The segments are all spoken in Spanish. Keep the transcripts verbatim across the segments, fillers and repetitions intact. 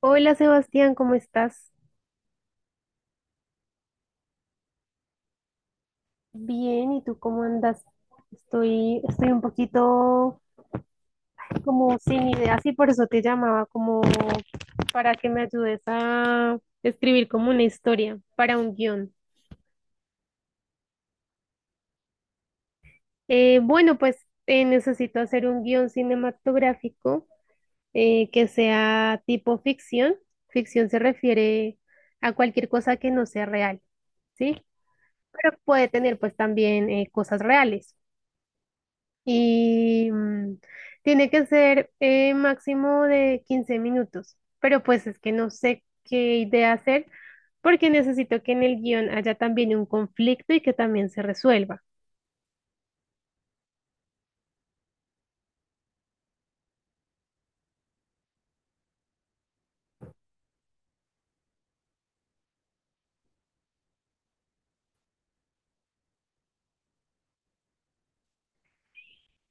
Hola, Sebastián, ¿cómo estás? Bien, ¿y tú cómo andas? Estoy, estoy un poquito como sin ideas y por eso te llamaba como para que me ayudes a escribir como una historia para un guión. Eh, bueno, pues eh, necesito hacer un guión cinematográfico eh, que sea tipo ficción. Ficción se refiere a cualquier cosa que no sea real, ¿sí? Pero puede tener pues también eh, cosas reales. Y mm, tiene que ser eh, máximo de quince minutos, pero pues es que no sé qué idea hacer porque necesito que en el guión haya también un conflicto y que también se resuelva.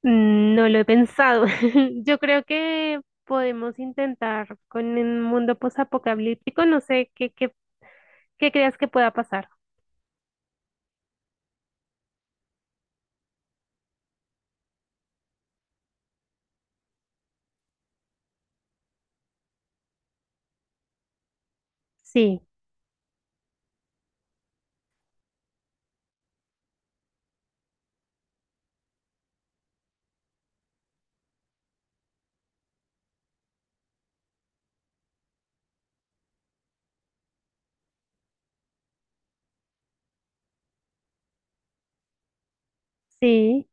Mm, No lo he pensado. Yo creo que podemos intentar con un mundo posapocalíptico, no sé qué, qué, qué creas que pueda pasar. Sí, sí.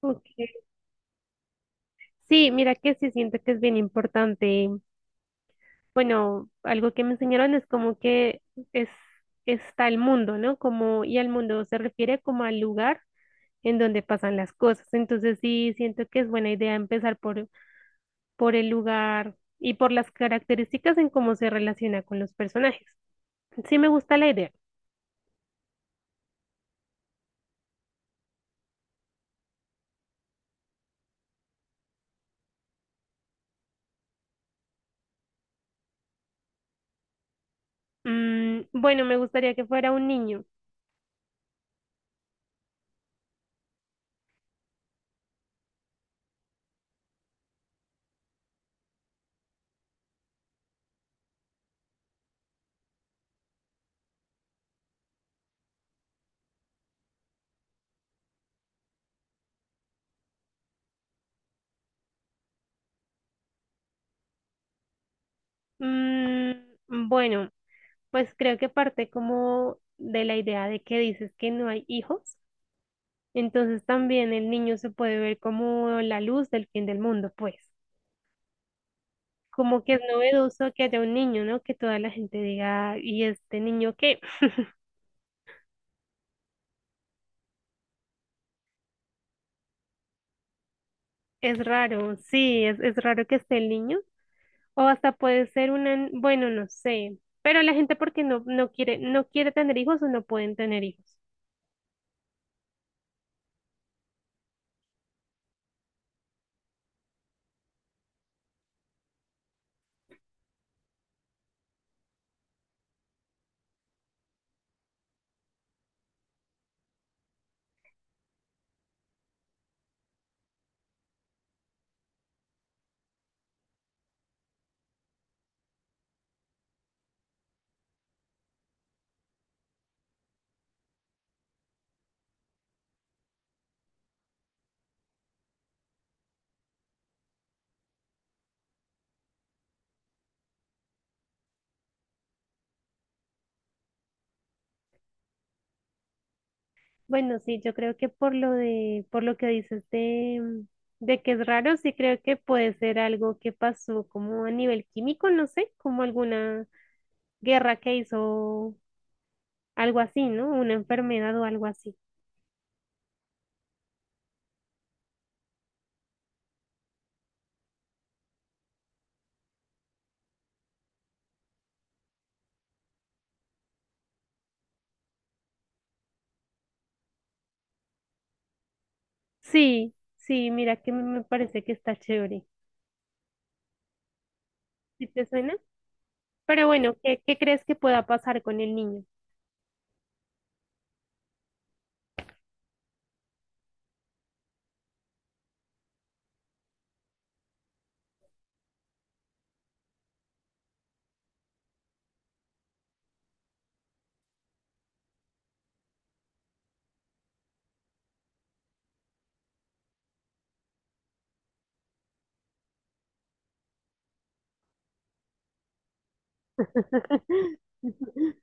Ok. Sí, mira que sí siento que es bien importante. Bueno, algo que me enseñaron es como que es, está el mundo, ¿no? Como, y al mundo se refiere como al lugar en donde pasan las cosas. Entonces sí, siento que es buena idea empezar por, por el lugar y por las características en cómo se relaciona con los personajes. Sí, me gusta la idea. Mm, bueno, me gustaría que fuera un niño. Mm, bueno, pues creo que parte como de la idea de que dices que no hay hijos. Entonces también el niño se puede ver como la luz del fin del mundo, pues. Como que es novedoso que haya un niño, ¿no? Que toda la gente diga, ¿y este niño qué? Es raro, sí, es, es raro que esté el niño. O hasta puede ser una, bueno, no sé. Pero la gente porque no, no quiere, no quiere tener hijos o no pueden tener hijos. Bueno, sí, yo creo que por lo de, por lo que dices de, mm, de que es raro, sí creo que puede ser algo que pasó como a nivel químico, no sé, como alguna guerra que hizo algo así, ¿no? Una enfermedad o algo así. Sí, sí, mira que me me parece que está chévere. ¿Sí te suena? Pero bueno, ¿qué, qué crees que pueda pasar con el niño?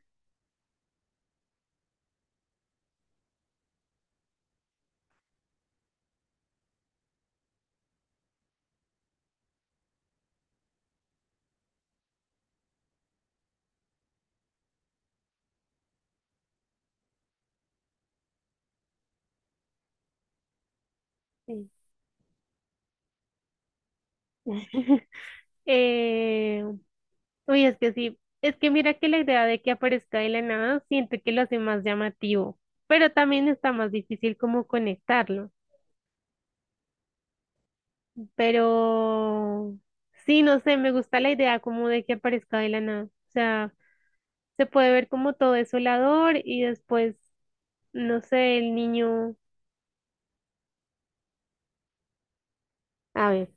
Sí. Eh, Uy, es que sí, es que mira que la idea de que aparezca de la nada, siento que lo hace más llamativo, pero también está más difícil como conectarlo. Pero sí, no sé, me gusta la idea como de que aparezca de la nada. O sea, se puede ver como todo desolador y después, no sé, el niño, a ver,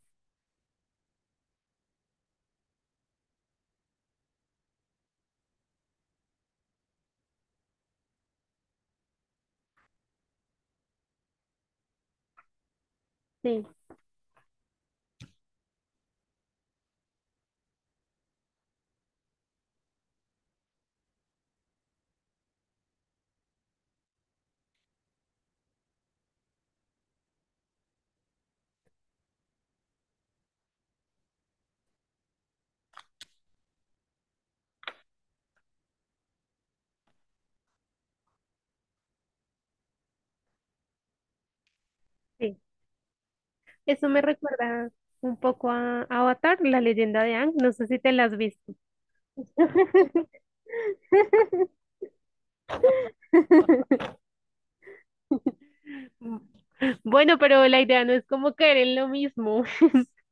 sí, sí. Eso me recuerda un poco a Avatar, la leyenda de Aang, no sé si te la has visto. Bueno, pero la idea no es como caer en lo mismo.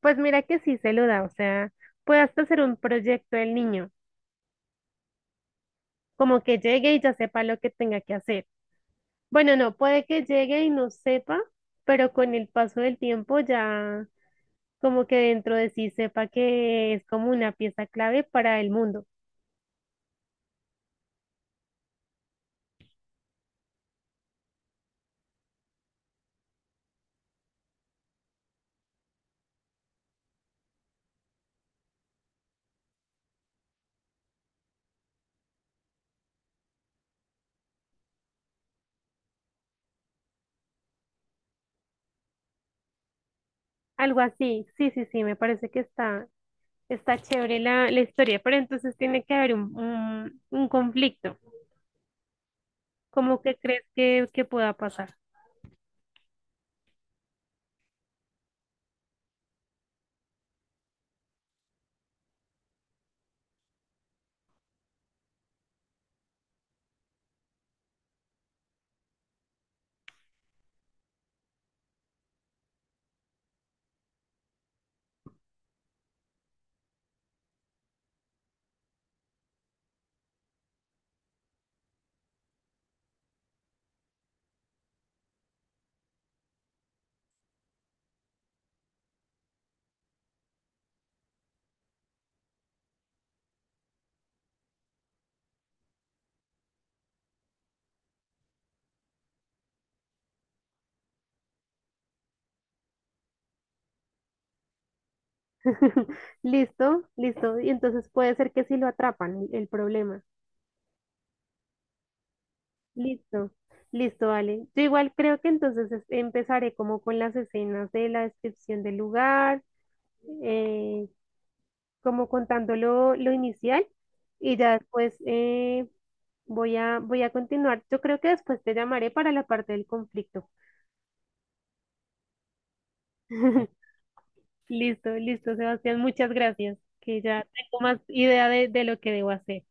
Pues mira que sí se lo da, o sea, puede hasta hacer un proyecto el niño, como que llegue y ya sepa lo que tenga que hacer. Bueno, no, puede que llegue y no sepa, pero con el paso del tiempo ya como que dentro de sí sepa que es como una pieza clave para el mundo. Algo así, sí, sí, sí, me parece que está, está chévere la, la historia, pero entonces tiene que haber un, un, un conflicto. ¿Cómo que crees que, que pueda pasar? Listo, listo. Y entonces puede ser que sí lo atrapan, el, el problema. Listo, listo, vale. Yo igual creo que entonces es- empezaré como con las escenas de la descripción del lugar. eh, como contando lo, lo inicial y ya después eh, voy a, voy a continuar. Yo creo que después te llamaré para la parte del conflicto. Listo, listo, Sebastián, muchas gracias, que ya tengo más idea de, de lo que debo hacer.